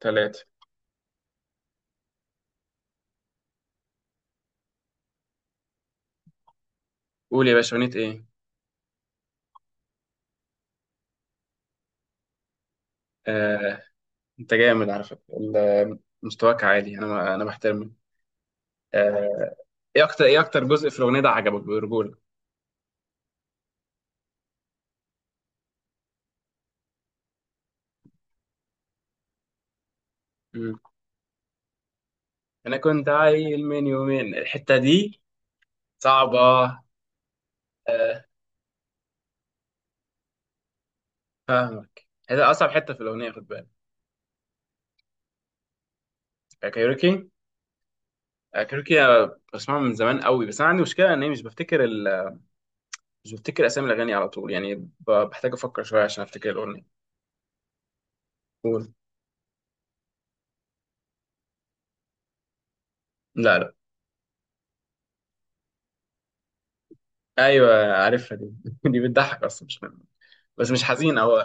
ثلاثة. قول يا باشا، أغنية إيه؟ آه، أنت جامد على فكرة. مستواك عالي. أنا بحترمك. آه، إيه أكتر جزء في الأغنية ده عجبك برجولة؟ مم. أنا كنت عيل من يومين، الحتة دي صعبة. آه، فاهمك، هذا أصعب حتة في الأغنية، خد بالك. آه، كايروكي. آه، كايروكي أنا بسمعه من زمان قوي، بس أنا عندي مشكلة إن أنا مش بفتكر مش بفتكر أسامي الأغاني على طول، يعني بحتاج أفكر شوية عشان أفتكر الأغنية. قول. لا، لا. أيوه، عارفها دي. دي بتضحك أصلا مش، بس مش حزين او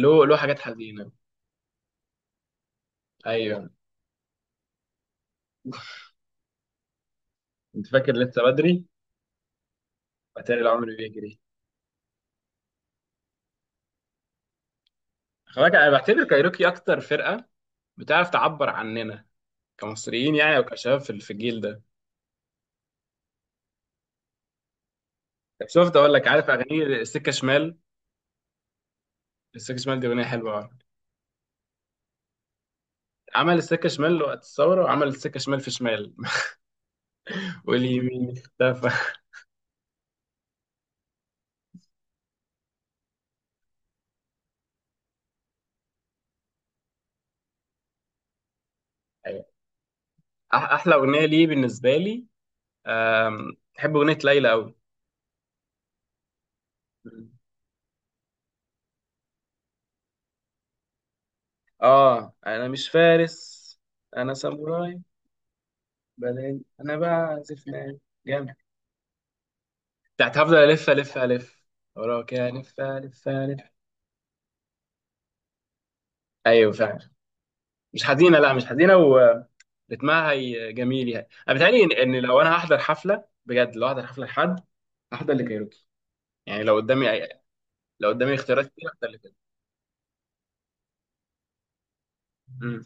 له حاجات حزينه. ايوه. انت فاكر لسه بدري، اتاري العمر بيجري. خلاك، انا بعتبر كايروكي اكتر فرقه بتعرف تعبر عننا كمصريين، يعني او كشباب في الجيل ده. طب شفت، اقول لك، عارف اغاني السكه شمال؟ السكه شمال دي اغنيه حلوه أوي. عمل السكه شمال وقت الثوره، وعمل السكه شمال في شمال. واليمين اختفى. ايوه. احلى اغنيه ليه بالنسبه لي، بحب اغنيه ليلى قوي. اه، انا مش فارس، انا ساموراي. بعدين انا بقى زفنا جامد، بتاعت هفضل الف الف الف وراك يا الف الف الف. ايوه فعلا. مش حزينه، لا مش حزينه ورتمها. هي جميل، يعني انا بيتهيألي إن لو انا هحضر حفله بجد، لو هحضر حفله لحد هحضر لكايروكي، يعني لو قدامي لو قدامي اختيارات كتير هحضر لكايروكي. أمم.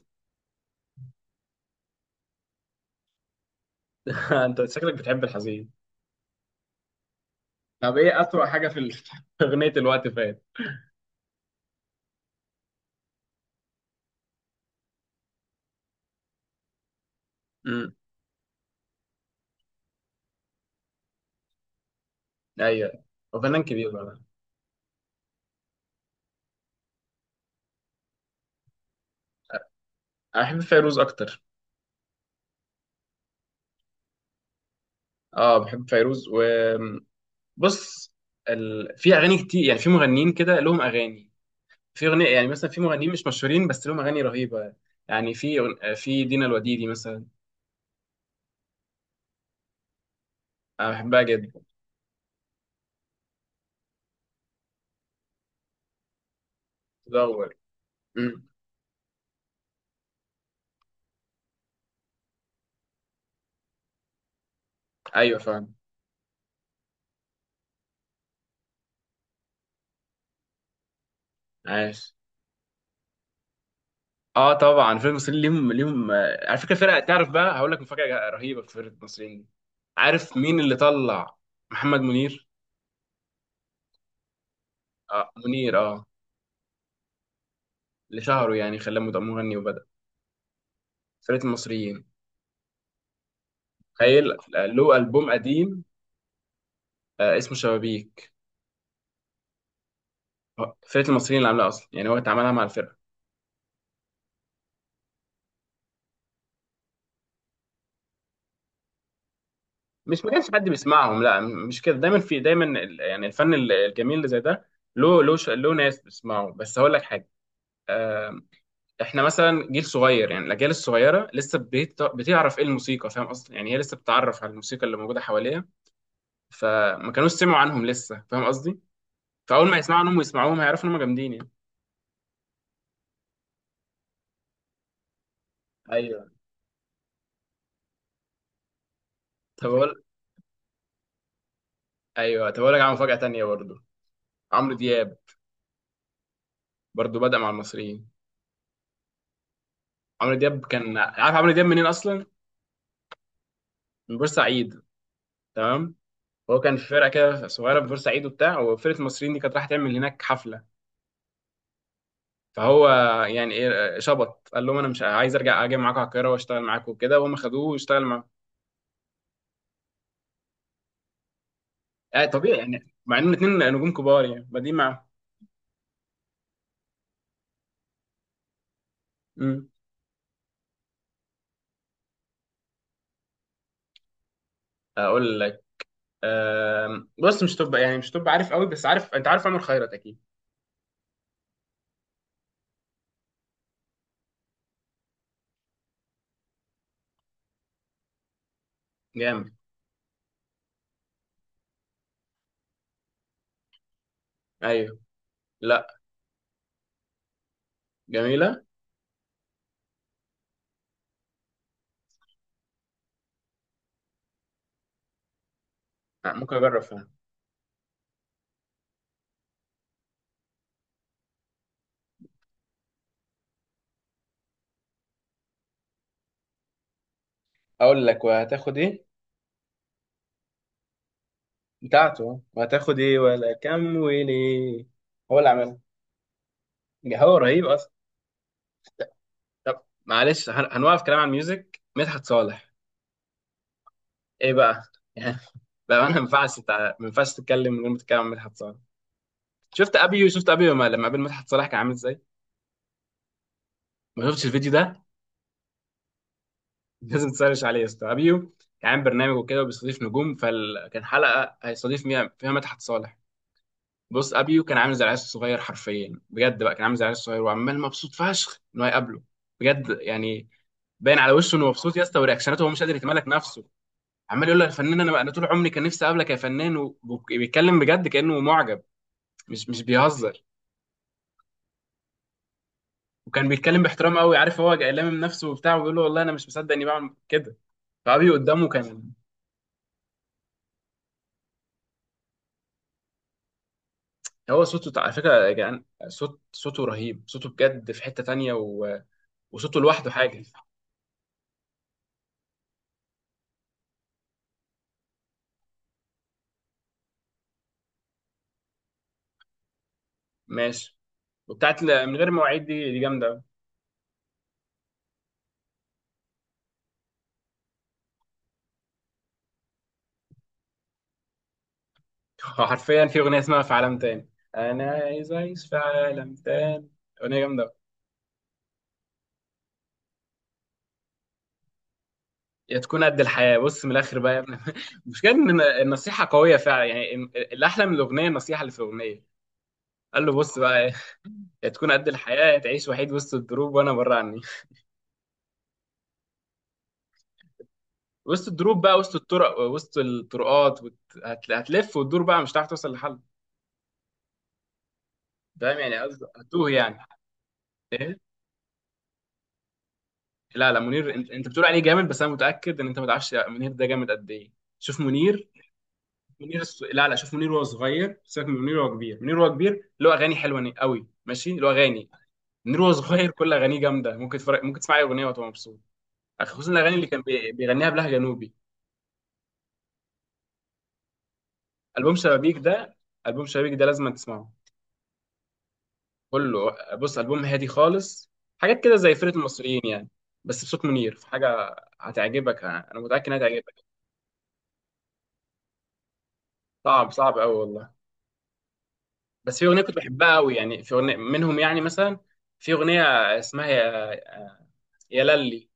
انت شكلك بتحب الحزين. طب ايه اسوأ حاجه في في اغنيه الوقت فات؟ امم ايوه. وفنان كبير والله. انا بحب فيروز اكتر. اه، بحب فيروز و بص، في اغاني كتير، يعني في مغنيين كده لهم اغاني، في اغنيه، يعني مثلا في مغنيين مش مشهورين بس لهم اغاني رهيبه. يعني في دينا الوديدي مثلا. انا بحبها جدا. تدور. أمم. ايوه فاهم. عاش. اه طبعا فرقه المصريين، ليهم على فكره فرقه، تعرف بقى هقول لك مفاجاه رهيبه في فرقه المصريين دي، عارف مين اللي طلع؟ محمد منير. آه منير، اه. اللي شهره يعني خلاه مغني، وبدأ فرقه المصريين. تخيل، له البوم قديم، اسمه شبابيك. فرقه المصريين اللي عاملاها اصلا، يعني هو اتعاملها مع الفرقه. مش ما كانش حد بيسمعهم، لا، مش كده، دايما في دايما يعني الفن الجميل اللي زي ده له ناس بتسمعه. بس هقول لك حاجه. آه، احنا مثلا جيل صغير، يعني الاجيال الصغيره لسه بتعرف ايه الموسيقى، فاهم قصدي؟ يعني هي لسه بتتعرف على الموسيقى اللي موجوده حواليها، فما كانوش سمعوا عنهم لسه، فاهم قصدي؟ فاول ما يسمعوا عنهم ويسمعوهم هيعرفوا ان هم جامدين يعني. ايوه طب اقول ايوه طب اقول لك على مفاجاه تانيه برضه. عمرو دياب برضه بدأ مع المصريين. عمرو دياب، كان عارف عمرو دياب منين اصلا؟ من بورسعيد. تمام. هو كان في فرقه كده صغيره في بورسعيد وبتاع، وفرقه المصريين دي كانت رايحه تعمل هناك حفله، فهو يعني ايه، شبط قال لهم انا مش عايز ارجع، اجي معاكم على القاهره واشتغل معاكم وكده، وهم خدوه واشتغل معاهم. اه طبيعي، يعني مع انهم اتنين نجوم كبار يعني بادئين معاهم. امم. اقول لك. بص، مش تبقى يعني مش تبقى عارف قوي، بس عارف، انت عارف عمر خيرت اكيد. جامد. ايوه. لا. جميله. ممكن اجرب فيها. اقول لك، وهتاخد ايه؟ بتاعته، وهتاخد ايه ولا كم وليه؟ هو اللي عملها، هو رهيب اصلا. طب معلش، هنوقف كلام عن الميوزك. مدحت صالح. ايه بقى، يعني بقى انا ما ينفعش تتكلم من غير ما تتكلم عن مدحت صالح. شفت ابيو، شفت ابيو لما قابل مدحت صالح كان عامل ازاي؟ ما شفتش الفيديو ده؟ لازم تسرش عليه يا اسطى. ابيو كان عامل برنامج وكده وبيستضيف نجوم، فكان حلقه هيستضيف فيها مدحت صالح. بص، ابيو كان عامل زي العيال الصغير حرفيا بجد بقى، كان عامل زي العيال الصغير، وعمال مبسوط فشخ انه هيقابله بجد يعني. باين على وشه انه مبسوط يا اسطى، ورياكشناته هو مش قادر يتملك نفسه. عمال يقول له يا فنان، انا طول عمري كان نفسي اقابلك يا فنان، وبيتكلم بجد كانه معجب، مش بيهزر. وكان بيتكلم باحترام قوي، عارف، هو لامم من نفسه وبتاع، وبيقول له والله انا مش مصدق اني بعمل كده، فابي قدامه كان. هو صوته على فكره يا جدعان، صوته رهيب، صوته بجد في حته تانية وصوته لوحده حاجه. ماشي. وبتاعت من غير مواعيد دي جامده أوي. حرفيا في اغنيه اسمها في عالم تاني، انا عايز اعيش في عالم تاني، اغنيه جامده أوي. يا تكون قد الحياة، بص من الآخر بقى يا ابني. المشكلة إن النصيحة قوية فعلا، يعني الأحلى من الأغنية النصيحة اللي في الأغنية. قال له بص بقى، يا تكون قد الحياة، يا تعيش وحيد وسط الدروب وأنا بره عني. وسط الدروب بقى، وسط الطرق، وسط الطرقات، هتلف وتدور بقى، مش هتعرف توصل لحل. فاهم يعني، قصدي هتوه يعني. إيه؟ لا، لا منير. انت بتقول عليه جامد، بس انا متاكد ان انت ما تعرفش منير ده جامد قد ايه. شوف منير. لا، لا شوف منير وهو صغير، سيبك من منير وهو كبير. منير وهو كبير له اغاني حلوه قوي ماشي، له اغاني. منير وهو صغير كل اغانيه جامده، ممكن تفرق، ممكن تسمع اي اغنيه وتبقى مبسوط. خصوصا الاغاني اللي كان بيغنيها بلهجه جنوبي. البوم شبابيك ده البوم شبابيك ده لازم تسمعه، كله. بص البوم هادي خالص، حاجات كده زي فرقه المصريين يعني، بس بصوت منير في حاجه هتعجبك. أنا متاكد انها هتعجبك. صعب، صعب قوي والله. بس في اغنيه كنت بحبها قوي، يعني في اغنيه منهم يعني مثلا، في اغنيه اسمها يا للي.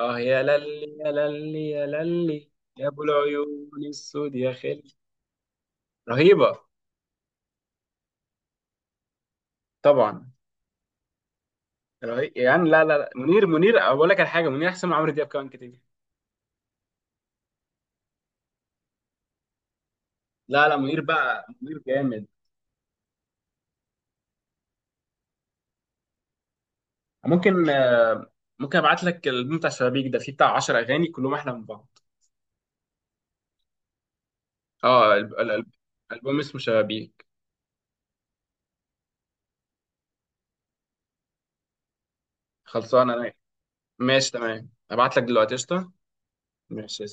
اه يا للي يا للي يا للي يا ابو العيون السود يا خالي. رهيبه. طبعا. رهيب يعني. لا لا لا منير. منير اقول لك على حاجه، منير احسن من عمرو دياب كمان كتير. لا لا منير بقى، منير جامد. ممكن آه، ممكن ابعت لك الالبوم بتاع شبابيك ده، فيه بتاع 10 اغاني كلهم احلى من بعض. اه الالبوم اسمه شبابيك. خلصان انا. ماشي تمام، ابعت لك دلوقتي، قشطه. ماشي.